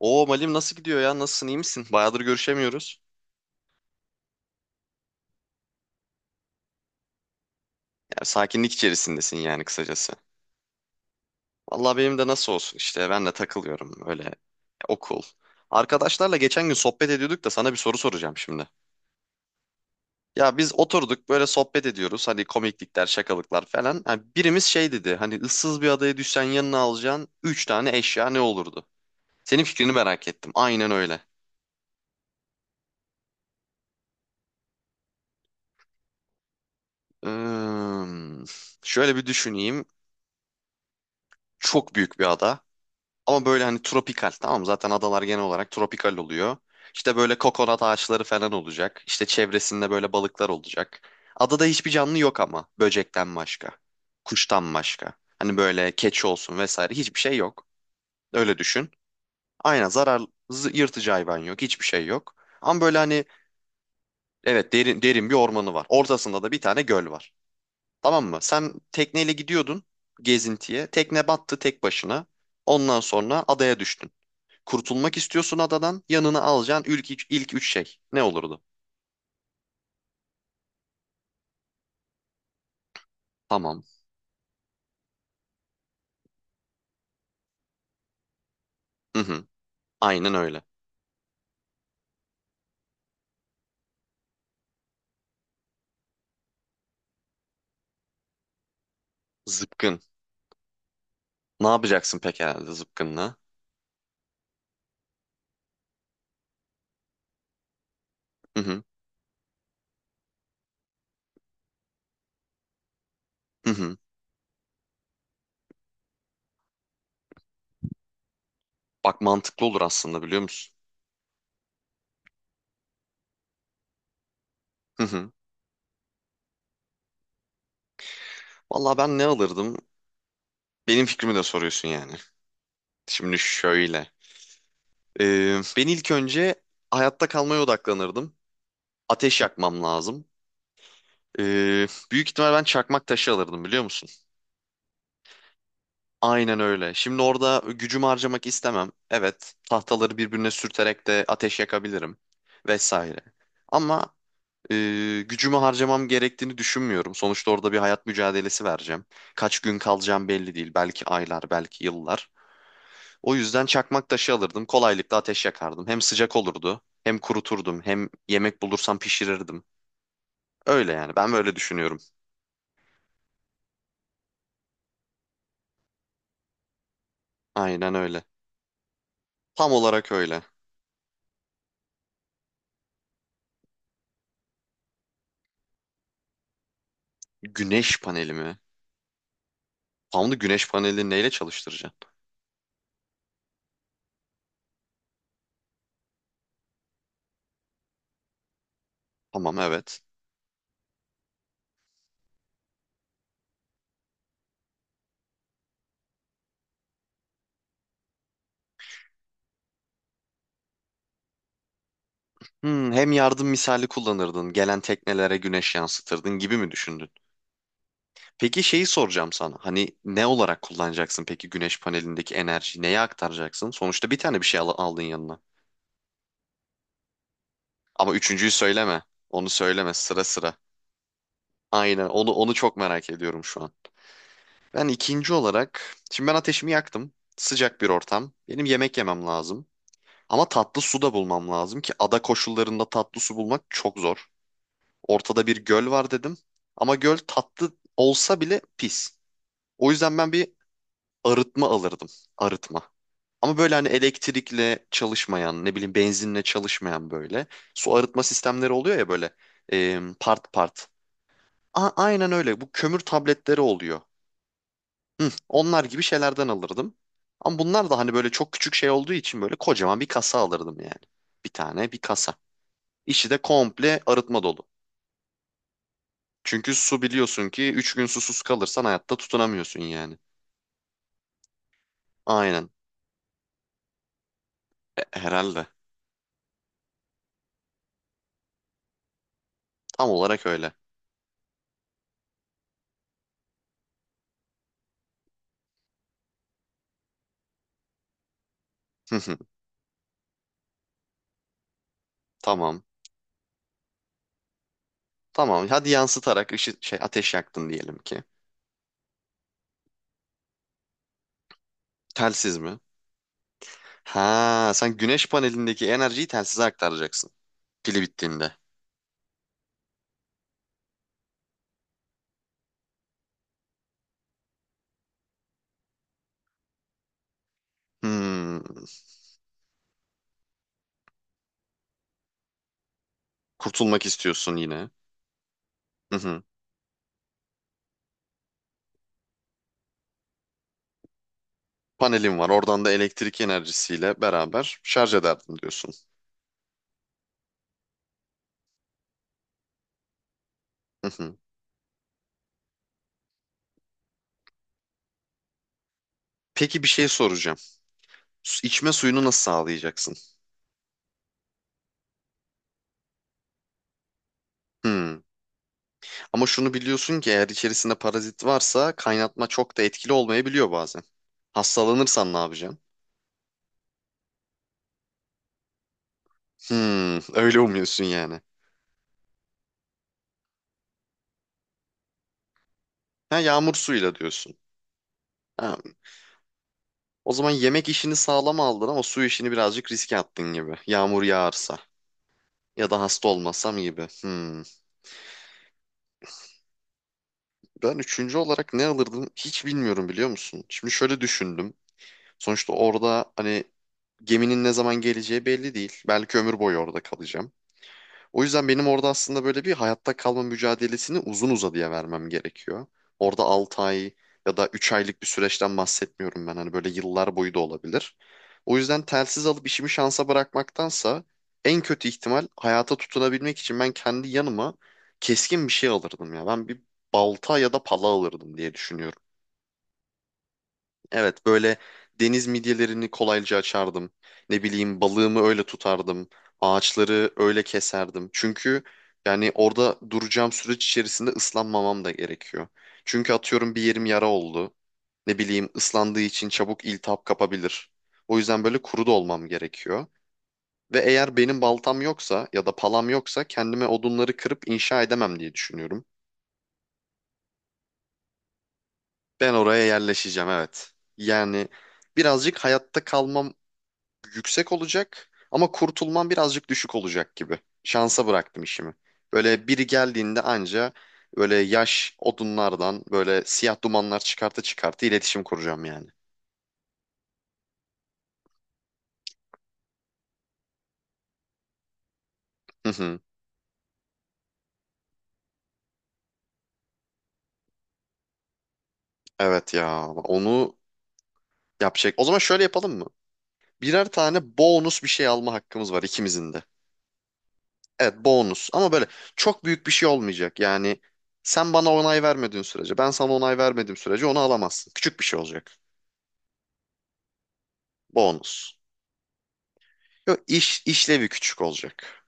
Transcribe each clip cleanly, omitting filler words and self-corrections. Oo Malim nasıl gidiyor ya? Nasılsın? İyi misin? Bayağıdır görüşemiyoruz. Ya, sakinlik içerisindesin yani kısacası. Vallahi benim de nasıl olsun işte ben de takılıyorum öyle okul. Arkadaşlarla geçen gün sohbet ediyorduk da sana bir soru soracağım şimdi. Ya biz oturduk böyle sohbet ediyoruz hani komiklikler şakalıklar falan. Ha, birimiz şey dedi hani ıssız bir adaya düşsen yanına alacağın 3 tane eşya ne olurdu? Senin fikrini merak ettim aynen öyle. Hmm, şöyle bir düşüneyim. Çok büyük bir ada. Ama böyle hani tropikal, tamam mı? Zaten adalar genel olarak tropikal oluyor. İşte böyle kokonat ağaçları falan olacak. İşte çevresinde böyle balıklar olacak. Adada hiçbir canlı yok ama, böcekten başka. Kuştan başka. Hani böyle keçi olsun vesaire hiçbir şey yok. Öyle düşün. Aynen yırtıcı hayvan yok. Hiçbir şey yok. Ama böyle hani evet, derin, derin bir ormanı var. Ortasında da bir tane göl var. Tamam mı? Sen tekneyle gidiyordun gezintiye. Tekne battı tek başına. Ondan sonra adaya düştün. Kurtulmak istiyorsun adadan. Yanına alacağın ilk üç şey. Ne olurdu? Tamam. Hı hı. Aynen öyle. Zıpkın. Ne yapacaksın peki herhalde zıpkınla? Hı hı. Hı hı. Bak mantıklı olur aslında, biliyor musun? Hı hı. Valla ben ne alırdım? Benim fikrimi de soruyorsun yani. Şimdi şöyle. Ben ilk önce hayatta kalmaya odaklanırdım. Ateş yakmam lazım. Ee, büyük ihtimal ben çakmak taşı alırdım, biliyor musun? Aynen öyle. Şimdi orada gücümü harcamak istemem. Evet, tahtaları birbirine sürterek de ateş yakabilirim vesaire. Ama e, gücümü harcamam gerektiğini düşünmüyorum. Sonuçta orada bir hayat mücadelesi vereceğim. Kaç gün kalacağım belli değil. Belki aylar, belki yıllar. O yüzden çakmak taşı alırdım. Kolaylıkla ateş yakardım. Hem sıcak olurdu, hem kuruturdum, hem yemek bulursam pişirirdim. Öyle yani. Ben böyle düşünüyorum. Aynen öyle. Tam olarak öyle. Güneş paneli mi? Tam da güneş panelini neyle çalıştıracağım? Tamam, evet. Hmm, hem yardım misali kullanırdın, gelen teknelere güneş yansıtırdın gibi mi düşündün? Peki şeyi soracağım sana. Hani ne olarak kullanacaksın peki güneş panelindeki enerjiyi, neye aktaracaksın? Sonuçta bir tane bir şey aldın yanına. Ama üçüncüyü söyleme. Onu söyleme sıra sıra. Aynen, onu çok merak ediyorum şu an. Ben ikinci olarak, şimdi ben ateşimi yaktım. Sıcak bir ortam. Benim yemek yemem lazım. Ama tatlı su da bulmam lazım ki ada koşullarında tatlı su bulmak çok zor. Ortada bir göl var dedim. Ama göl tatlı olsa bile pis. O yüzden ben bir arıtma alırdım. Arıtma. Ama böyle hani elektrikle çalışmayan, ne bileyim benzinle çalışmayan böyle. Su arıtma sistemleri oluyor ya böyle part part. Aynen öyle. Bu kömür tabletleri oluyor. Hı, onlar gibi şeylerden alırdım. Ama bunlar da hani böyle çok küçük şey olduğu için böyle kocaman bir kasa alırdım yani. Bir tane bir kasa. İçi de komple arıtma dolu. Çünkü su biliyorsun ki 3 gün susuz kalırsan hayatta tutunamıyorsun yani. Aynen. Herhalde. Tam olarak öyle. Hı hı. Tamam. Tamam. Hadi yansıtarak ışı, şey ateş yaktın diyelim ki. Telsiz mi? Ha, sen güneş panelindeki enerjiyi telsize aktaracaksın. Pili bittiğinde. Hmm. Kurtulmak istiyorsun yine. Hı hı. Panelim var. Oradan da elektrik enerjisiyle beraber şarj ederdim diyorsun. Hı hı. Peki bir şey soracağım. İçme suyunu nasıl sağlayacaksın? Hmm. Ama şunu biliyorsun ki eğer içerisinde parazit varsa kaynatma çok da etkili olmayabiliyor bazen. Hastalanırsan ne yapacaksın? Hmm, öyle umuyorsun yani. Ha, yağmur suyuyla diyorsun. Ha, o zaman yemek işini sağlam aldın ama su işini birazcık riske attın gibi. Yağmur yağarsa ya da hasta olmasam gibi. Hmm. Ben üçüncü olarak ne alırdım, hiç bilmiyorum, biliyor musun? Şimdi şöyle düşündüm. Sonuçta orada hani geminin ne zaman geleceği belli değil. Belki ömür boyu orada kalacağım. O yüzden benim orada aslında böyle bir hayatta kalma mücadelesini uzun uzadıya vermem gerekiyor. Orada 6 ay ya da 3 aylık bir süreçten bahsetmiyorum ben. Hani böyle yıllar boyu da olabilir. O yüzden telsiz alıp işimi şansa bırakmaktansa en kötü ihtimal hayata tutunabilmek için ben kendi yanıma keskin bir şey alırdım ya. Ben bir balta ya da pala alırdım diye düşünüyorum. Evet, böyle deniz midyelerini kolayca açardım. Ne bileyim balığımı öyle tutardım. Ağaçları öyle keserdim. Çünkü yani orada duracağım süreç içerisinde ıslanmamam da gerekiyor. Çünkü atıyorum bir yerim yara oldu. Ne bileyim ıslandığı için çabuk iltihap kapabilir. O yüzden böyle kuru da olmam gerekiyor. Ve eğer benim baltam yoksa ya da palam yoksa kendime odunları kırıp inşa edemem diye düşünüyorum. Ben oraya yerleşeceğim, evet. Yani birazcık hayatta kalmam yüksek olacak ama kurtulman birazcık düşük olacak gibi. Şansa bıraktım işimi. Böyle biri geldiğinde anca böyle yaş odunlardan böyle siyah dumanlar çıkartı çıkartı iletişim kuracağım yani. Hı hı. Evet ya, onu yapacak. O zaman şöyle yapalım mı? Birer tane bonus bir şey alma hakkımız var ikimizin de. Evet bonus, ama böyle çok büyük bir şey olmayacak. Yani sen bana onay vermediğin sürece, ben sana onay vermediğim sürece onu alamazsın. Küçük bir şey olacak. Bonus. Yok, işlevi küçük olacak.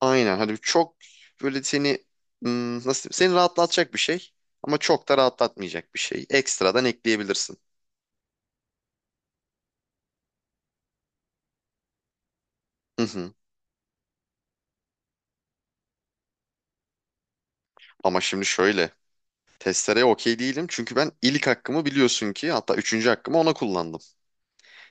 Aynen. Hani çok böyle seni, hmm, nasıl diyeyim? Seni rahatlatacak bir şey ama çok da rahatlatmayacak bir şey. Ekstradan ekleyebilirsin. Hı hı. Ama şimdi şöyle. Testereye okey değilim. Çünkü ben ilk hakkımı, biliyorsun ki hatta üçüncü hakkımı ona kullandım.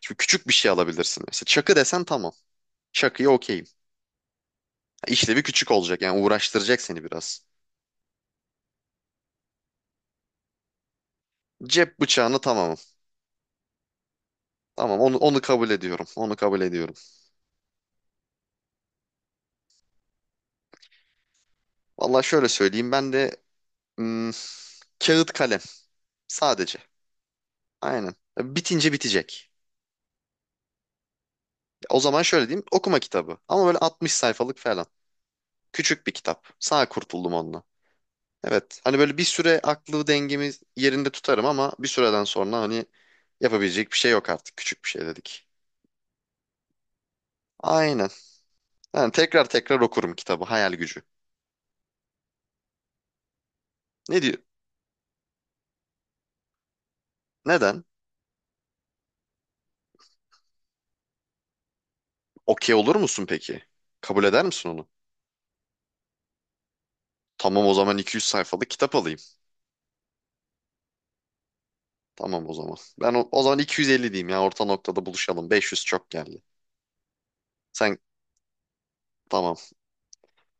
Şimdi küçük bir şey alabilirsin. Mesela çakı desen tamam. Çakıya okeyim. İşlevi küçük olacak yani uğraştıracak seni biraz. Cep bıçağını tamamım. Tamam, onu kabul ediyorum. Onu kabul ediyorum. Vallahi şöyle söyleyeyim, ben de hmm, kağıt kalem sadece. Aynen. Bitince bitecek. O zaman şöyle diyeyim. Okuma kitabı. Ama böyle 60 sayfalık falan. Küçük bir kitap. Sağ kurtuldum onunla. Evet. Hani böyle bir süre aklı dengemi yerinde tutarım ama bir süreden sonra hani yapabilecek bir şey yok artık. Küçük bir şey dedik. Aynen. Yani tekrar tekrar okurum kitabı. Hayal gücü. Ne diyor? Neden? Okey olur musun peki? Kabul eder misin onu? Tamam, o zaman 200 sayfalık kitap alayım. Tamam o zaman. Ben o zaman 250 diyeyim ya, orta noktada buluşalım. 500 çok geldi. Sen tamam.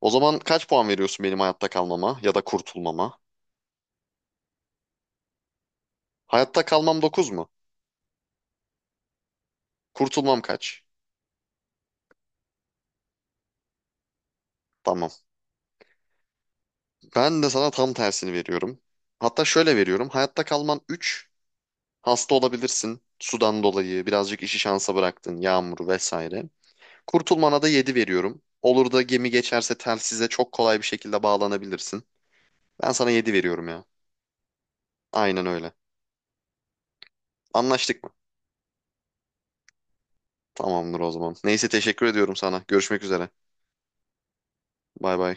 O zaman kaç puan veriyorsun benim hayatta kalmama ya da kurtulmama? Hayatta kalmam 9 mu? Kurtulmam kaç? Tamam. Ben de sana tam tersini veriyorum. Hatta şöyle veriyorum. Hayatta kalman 3. Hasta olabilirsin. Sudan dolayı birazcık işi şansa bıraktın. Yağmur vesaire. Kurtulmana da 7 veriyorum. Olur da gemi geçerse telsize çok kolay bir şekilde bağlanabilirsin. Ben sana 7 veriyorum ya. Aynen öyle. Anlaştık mı? Tamamdır o zaman. Neyse, teşekkür ediyorum sana. Görüşmek üzere. Bay bay.